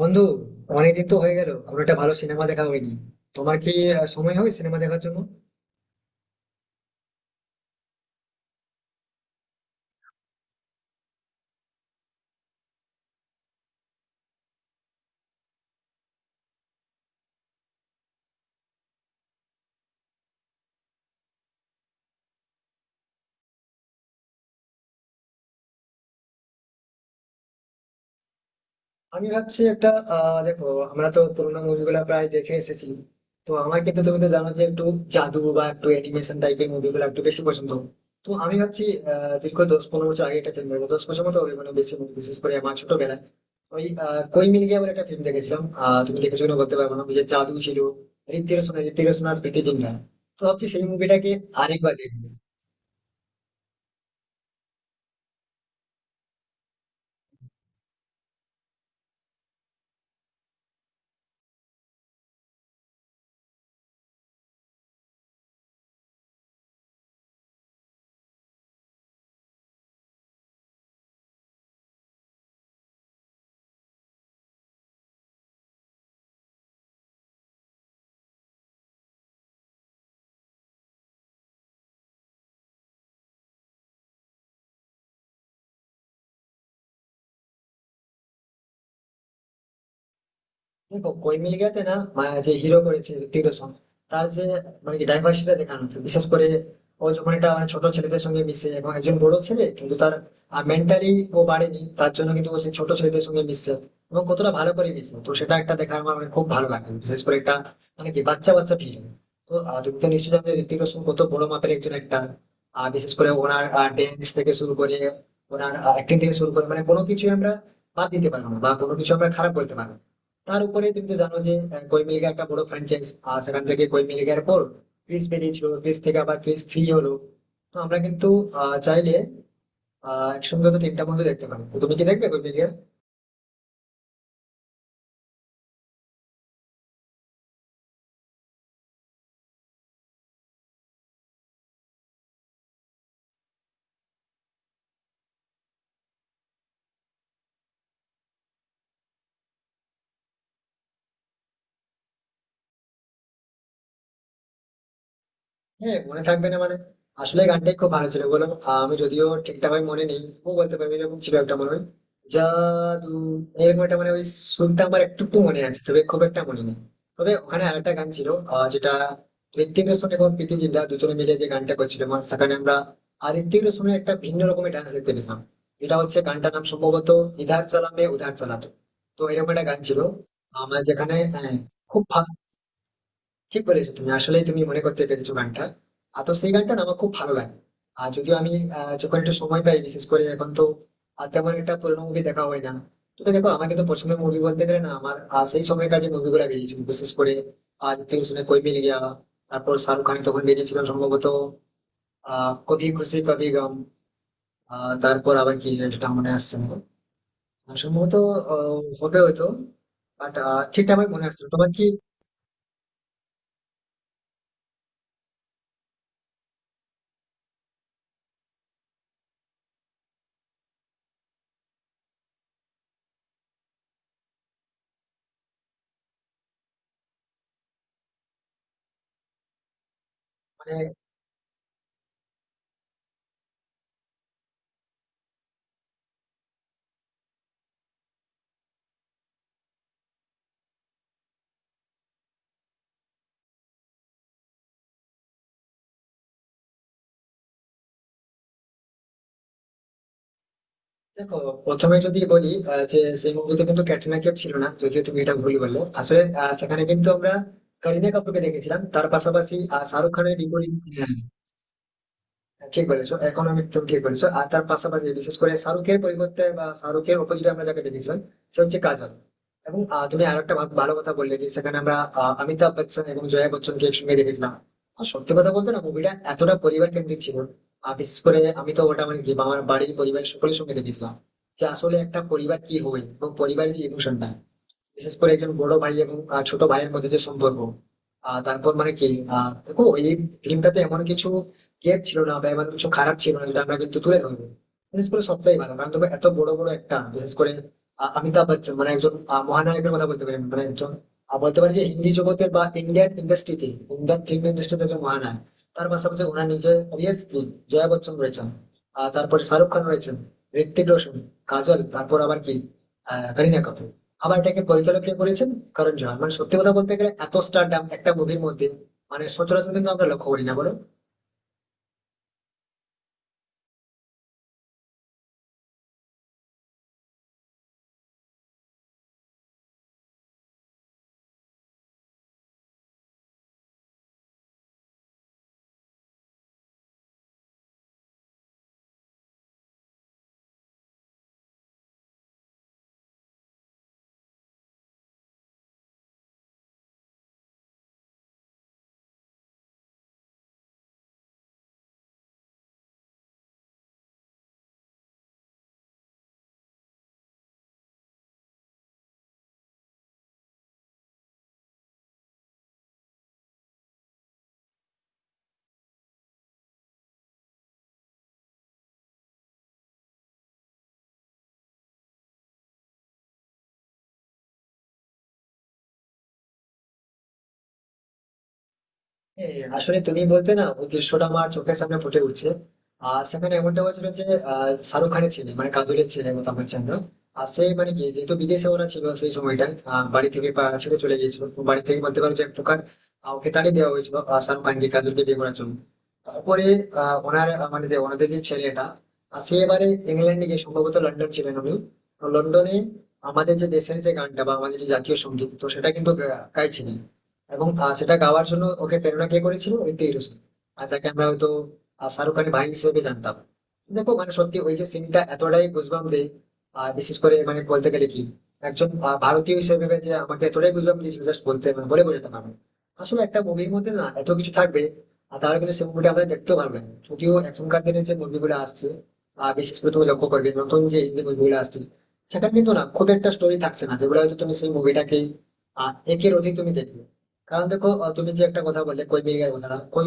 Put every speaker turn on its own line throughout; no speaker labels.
বন্ধু, অনেকদিন তো হয়ে গেল কোনো একটা ভালো সিনেমা দেখা হয়নি। তোমার কি সময় হয় সিনেমা দেখার জন্য? আমি ভাবছি একটা, দেখো, আমরা তো পুরোনো মুভিগুলো প্রায় দেখে এসেছি। তো আমার কিন্তু, তুমি তো জানো যে একটু জাদু বা একটু অ্যানিমেশন টাইপের মুভিগুলো একটু বেশি পছন্দ। তো আমি ভাবছি, দীর্ঘ 10-15 বছর আগে একটা ফিল্ম দেখো, 10 বছর মতো হবে মানে বেশি। বিশেষ করে আমার ছোটবেলায় ওই কই মিল গিয়া বলে একটা ফিল্ম দেখেছিলাম। তুমি দেখেছো কিনা বলতে পারবো না, ওই যে জাদু ছিল। ঋত্বিক রোশন আর প্রীতি জিন্টা। তো ভাবছি সেই মুভিটাকে আরেকবার দেখবো। দেখো, কই মিল গয়াতে না, যে হিরো করেছে হৃতিক রোশন, তার যে মানে কি ডাইভার্সিটিটা দেখানো হচ্ছে, বিশেষ করে ও যখন একটা মানে ছোট ছেলেদের সঙ্গে মিশে এবং একজন বড় ছেলে কিন্তু তার মেন্টালি ও বাড়েনি, তার জন্য কিন্তু ও সেই ছোট ছেলেদের সঙ্গে মিশছে, এবং কতটা ভালো করে মিশে, তো সেটা একটা দেখার আমার মানে খুব ভালো লাগে, বিশেষ করে একটা মানে কি বাচ্চা বাচ্চা ফিল্ম। তো তুমি তো নিশ্চয়ই জানো যে হৃতিক রোশন কত বড় মাপের একজন একটা। আর বিশেষ করে ওনার ড্যান্স থেকে শুরু করে, ওনার অ্যাক্টিং থেকে শুরু করে, মানে কোনো কিছু আমরা বাদ দিতে পারবো না বা কোনো কিছু আমরা খারাপ বলতে পারবো না। তার উপরে তুমি তো জানো যে কই মিল গয়া একটা বড় ফ্র্যাঞ্চাইজ। আর সেখান থেকে কই মিল গয়ার পর ক্রিস বেরিয়েছিল, ক্রিস থেকে আবার ক্রিস 3 হলো। তো আমরা কিন্তু চাইলে একসঙ্গে তো তিনটা মুভি দেখতে পারি। তো তুমি কি দেখবে কই মিল গয়া? হ্যাঁ, মনে থাকবে না মানে, আসলে গানটাই খুব ভালো ছিল বলো। আমি যদিও ঠিকঠাক ভাবে মনে নেই। ও বলতে পারবি এরকম ছিল একটা মনে হয়, জাদু এরকম একটা মানে ওই সুরটা আমার একটু একটু মনে আছে, তবে খুব একটা মনে নেই। তবে ওখানে আরেকটা গান ছিল, যেটা ঋত্বিক রোশন এবং প্রীতি জিন্টা দুজনে মিলে যে গানটা করছিল, মানে সেখানে আমরা আর ঋত্বিক রোশনের একটা ভিন্ন রকমের ডান্স দেখতে পেয়েছিলাম। এটা হচ্ছে গানটার নাম সম্ভবত ইধার চালামে উধার চালাতো। তো এরকম একটা গান ছিল আমার, যেখানে হ্যাঁ, খুব ভালো। ঠিক বলেছো তুমি, আসলেই তুমি মনে করতে পেরেছো গানটা। আর তো সেই গানটা না আমার খুব ভালো লাগে। আর যদিও আমি যখন একটু সময় পাই, বিশেষ করে এখন তো আর তেমন একটা পুরোনো মুভি দেখা হয় না। তবে দেখো আমার কিন্তু পছন্দের মুভি বলতে গেলে না, আমার সেই সময়কার যে মুভিগুলো বেরিয়েছিল, বিশেষ করে ঋত্বিক রোশনের কোই মিল গয়া। তারপর শাহরুখ খানের তখন বেরিয়েছিল সম্ভবত কবি খুশি কবি গম। তারপর আবার কি, সেটা মনে আসছে না। আর সম্ভবত হবে হয়তো, বাট ঠিকঠাক আমার মনে আসছে না। তোমার কি মানে? দেখো, প্রথমে যদি বলি যে সেই মুভিতে কিন্তু ক্যাটরিনা কাইফ ছিল না, যদিও তুমি এটা ভুল বললে আসলে, সেখানে কিন্তু আমরা কারিনা কাপুরকে দেখেছিলাম, তার পাশাপাশি শাহরুখ খানের বিপরীত। ঠিক বলেছো, এখন আমি তুমি ঠিক বলেছো। আর তার পাশাপাশি বিশেষ করে শাহরুখের পরিবর্তে বা শাহরুখের অপোজিটে আমরা যাকে দেখেছিলাম সে হচ্ছে কাজল। এবং তুমি আর একটা ভালো কথা বললে যে সেখানে আমরা অমিতাভ বচ্চন এবং জয়া বচ্চনকে একসঙ্গে দেখেছিলাম। আর সত্যি কথা বলতে না, মুভিটা এতটা পরিবার কেন্দ্রিক ছিল। আর বিশেষ করে আমি তো ওটা মানে কি আমার বাড়ির পরিবারের সকলের সঙ্গে দেখেছিলাম, যে আসলে একটা পরিবার কি হয় এবং পরিবারের যে ইমোশনটা, বিশেষ করে একজন বড় ভাই এবং ছোট ভাইয়ের মধ্যে যে সম্পর্ক। তারপর মানে কি, দেখো এই ফিল্মটাতে এমন কিছু গ্যাপ ছিল না বা এমন কিছু খারাপ ছিল না যেটা আমরা কিন্তু তুলে ধরবো। বিশেষ করে সবটাই ভালো, কারণ দেখো এত বড় বড় একটা, বিশেষ করে অমিতাভ বচ্চন মানে একজন, মহানায়কের কথা বলতে পারি, মানে একজন বলতে পারি যে হিন্দি জগতের বা ইন্ডিয়ান ইন্ডাস্ট্রিতে, ইন্ডিয়ান ফিল্ম ইন্ডাস্ট্রিতে একজন মহানায়ক। তার পাশাপাশি ওনার নিজের অডিয়েন্স কি, জয়া বচ্চন রয়েছেন, তারপরে শাহরুখ খান রয়েছেন, ঋত্বিক রোশন, কাজল, তারপর আবার কি, করিনা কাপুর। আবার এটাকে পরিচালক কে করেছেন, করণ জোহার। মানে সত্যি কথা বলতে গেলে এত স্টারডাম একটা মুভির মধ্যে, মানে সচরাচর কিন্তু আমরা লক্ষ্য করি না, বলো। হ্যাঁ, আসলে তুমি বলতে না, ওই দৃশ্যটা আমার চোখের সামনে ফুটে উঠছে। আর সেখানে এমনটা হয়েছিল যে শাহরুখ খানের ছেলে মানে কাজলের ছেলে মতো আমার ছিল। আর সে মানে কি, যেহেতু বিদেশে ওরা ছিল সেই সময়টা, বাড়ি থেকে ছেড়ে চলে গিয়েছিল, তো বাড়ি থেকে বলতে পারো যে এক প্রকার ওকে তাড়িয়ে দেওয়া হয়েছিল, শাহরুখ খানকে কাজলকে বিয়ে করার জন্য। তারপরে ওনার মানে যে ওনাদের যে ছেলেটা, সে এবারে ইংল্যান্ডে গিয়ে সম্ভবত লন্ডন ছিলেন উনি। তো লন্ডনে আমাদের যে দেশের যে গানটা বা আমাদের যে জাতীয় সঙ্গীত, তো সেটা কিন্তু গাইছিলেন। এবং সেটা গাওয়ার জন্য ওকে প্রেরণা কে করেছিল, ঋত্বিক রোশন। আর যাকে আমরা হয়তো শাহরুখ খানের ভাই হিসেবে জানতাম। দেখো মানে সত্যি ওই যে সিনটা এতটাই গুজবাম দেয়। আর বিশেষ করে মানে বলতে গেলে কি, একজন ভারতীয় হিসেবে ভেবে যে আমাকে এতটাই গুজবাম দিয়েছিল, জাস্ট বলতে মানে বলে বোঝাতে পারবো না। আসলে একটা মুভির মধ্যে না এত কিছু থাকবে, আর তাহলে কিন্তু সেই মুভিটা আমরা দেখতেও পারবো না। যদিও এখনকার দিনে যে মুভিগুলো আসছে, বিশেষ করে তুমি লক্ষ্য করবে নতুন যে হিন্দি মুভিগুলো আসছে, সেখানে কিন্তু না খুব একটা স্টোরি থাকছে না, যেগুলো হয়তো তুমি সেই মুভিটাকে একের অধিক তুমি দেখবে। কারণ দেখো তুমি যে একটা কথা বললে কৈমিকের কথা, না কই,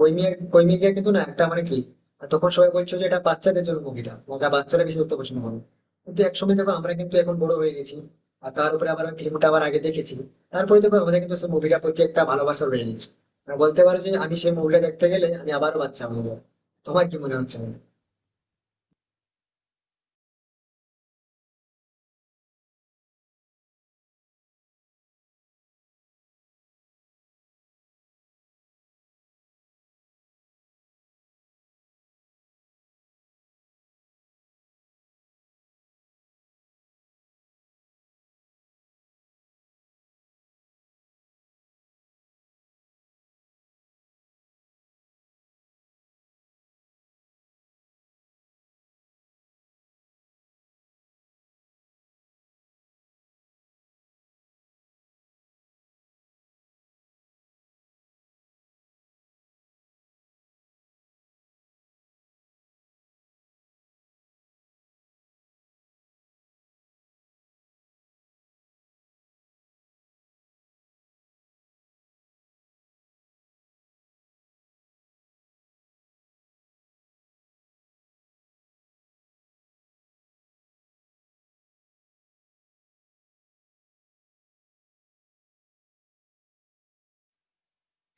কৈমিয়া, কৈমিকা কিন্তু না একটা মানে কি, তখন সবাই বলছো যে এটা বাচ্চাদের জন্য মুভিটা, ওটা বাচ্চারা বেশি দেখতে পছন্দ করে। কিন্তু একসময় দেখো আমরা কিন্তু এখন বড় হয়ে গেছি, আর তার উপরে আবার ফিল্মটা আবার আগে দেখেছি, তারপরে দেখো আমাদের কিন্তু সেই মুভিটার প্রতি একটা ভালোবাসা রয়ে গেছে। মানে বলতে পারো যে আমি সেই মুভিটা দেখতে গেলে আমি আবারও বাচ্চা হয়ে যাবো। তোমার কি মনে হচ্ছে?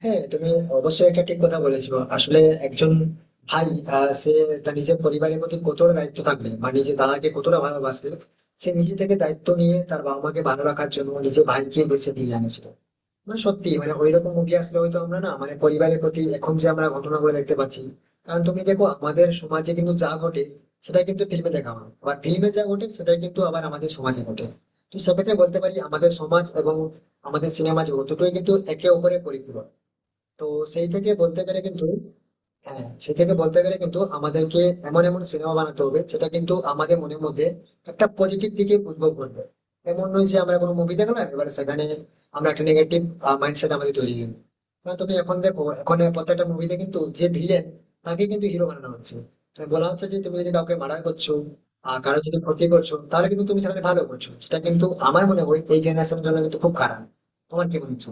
হ্যাঁ, তুমি অবশ্যই একটা ঠিক কথা বলেছো। আসলে একজন ভাই, সে তার নিজের পরিবারের প্রতি কতটা দায়িত্ব থাকবে বা নিজের দাদাকে কতটা ভালোবাসবে, সে নিজে থেকে দায়িত্ব নিয়ে তার বাবা মাকে ভালো রাখার জন্য নিজের ভাইকে দেশে ফিরিয়ে আনেছিল। মানে সত্যি মানে ওইরকম মুভি আসলে হয়তো আমরা না, মানে পরিবারের প্রতি এখন যে আমরা ঘটনাগুলো দেখতে পাচ্ছি। কারণ তুমি দেখো আমাদের সমাজে কিন্তু যা ঘটে সেটা কিন্তু ফিল্মে দেখা হয়, আবার ফিল্মে যা ঘটে সেটাই কিন্তু আবার আমাদের সমাজে ঘটে। তো সেক্ষেত্রে বলতে পারি আমাদের সমাজ এবং আমাদের সিনেমা জগৎ দুটোই কিন্তু একে অপরের পরিপূরক। তো সেই থেকে বলতে গেলে কিন্তু, হ্যাঁ সেই থেকে বলতে গেলে কিন্তু আমাদেরকে এমন এমন সিনেমা বানাতে হবে, যেটা কিন্তু আমাদের মনের মধ্যে একটা পজিটিভ দিকে উদ্ভব করবে। এমন নয় যে আমরা কোনো মুভি দেখলাম, এবার সেখানে আমরা একটা নেগেটিভ মাইন্ডসেট আমাদের তৈরি হয়ে গেলো। কারণ তুমি এখন দেখো, এখন প্রত্যেকটা মুভিতে কিন্তু যে ভিলেন, তাকে কিন্তু হিরো বানানো হচ্ছে। তুমি বলা হচ্ছে যে তুমি যদি কাউকে মার্ডার করছো আর কারো যদি ক্ষতি করছো, তাহলে কিন্তু তুমি সেখানে ভালো করছো। সেটা কিন্তু আমার মনে হয় এই জেনারেশনের জন্য কিন্তু খুব খারাপ। তোমার কি মনে হচ্ছে?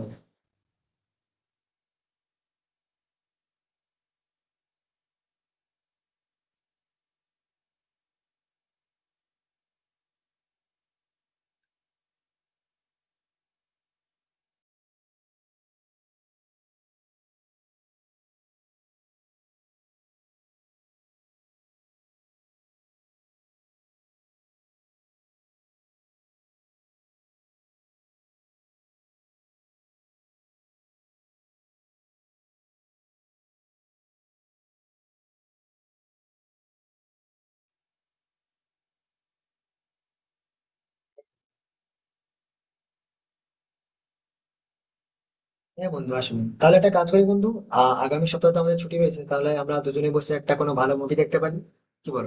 হ্যাঁ বন্ধু, আসুন তাহলে একটা কাজ করি বন্ধু, আগামী সপ্তাহে তো আমাদের ছুটি রয়েছে, তাহলে আমরা দুজনে বসে একটা কোনো ভালো মুভি দেখতে পারি। কি বল?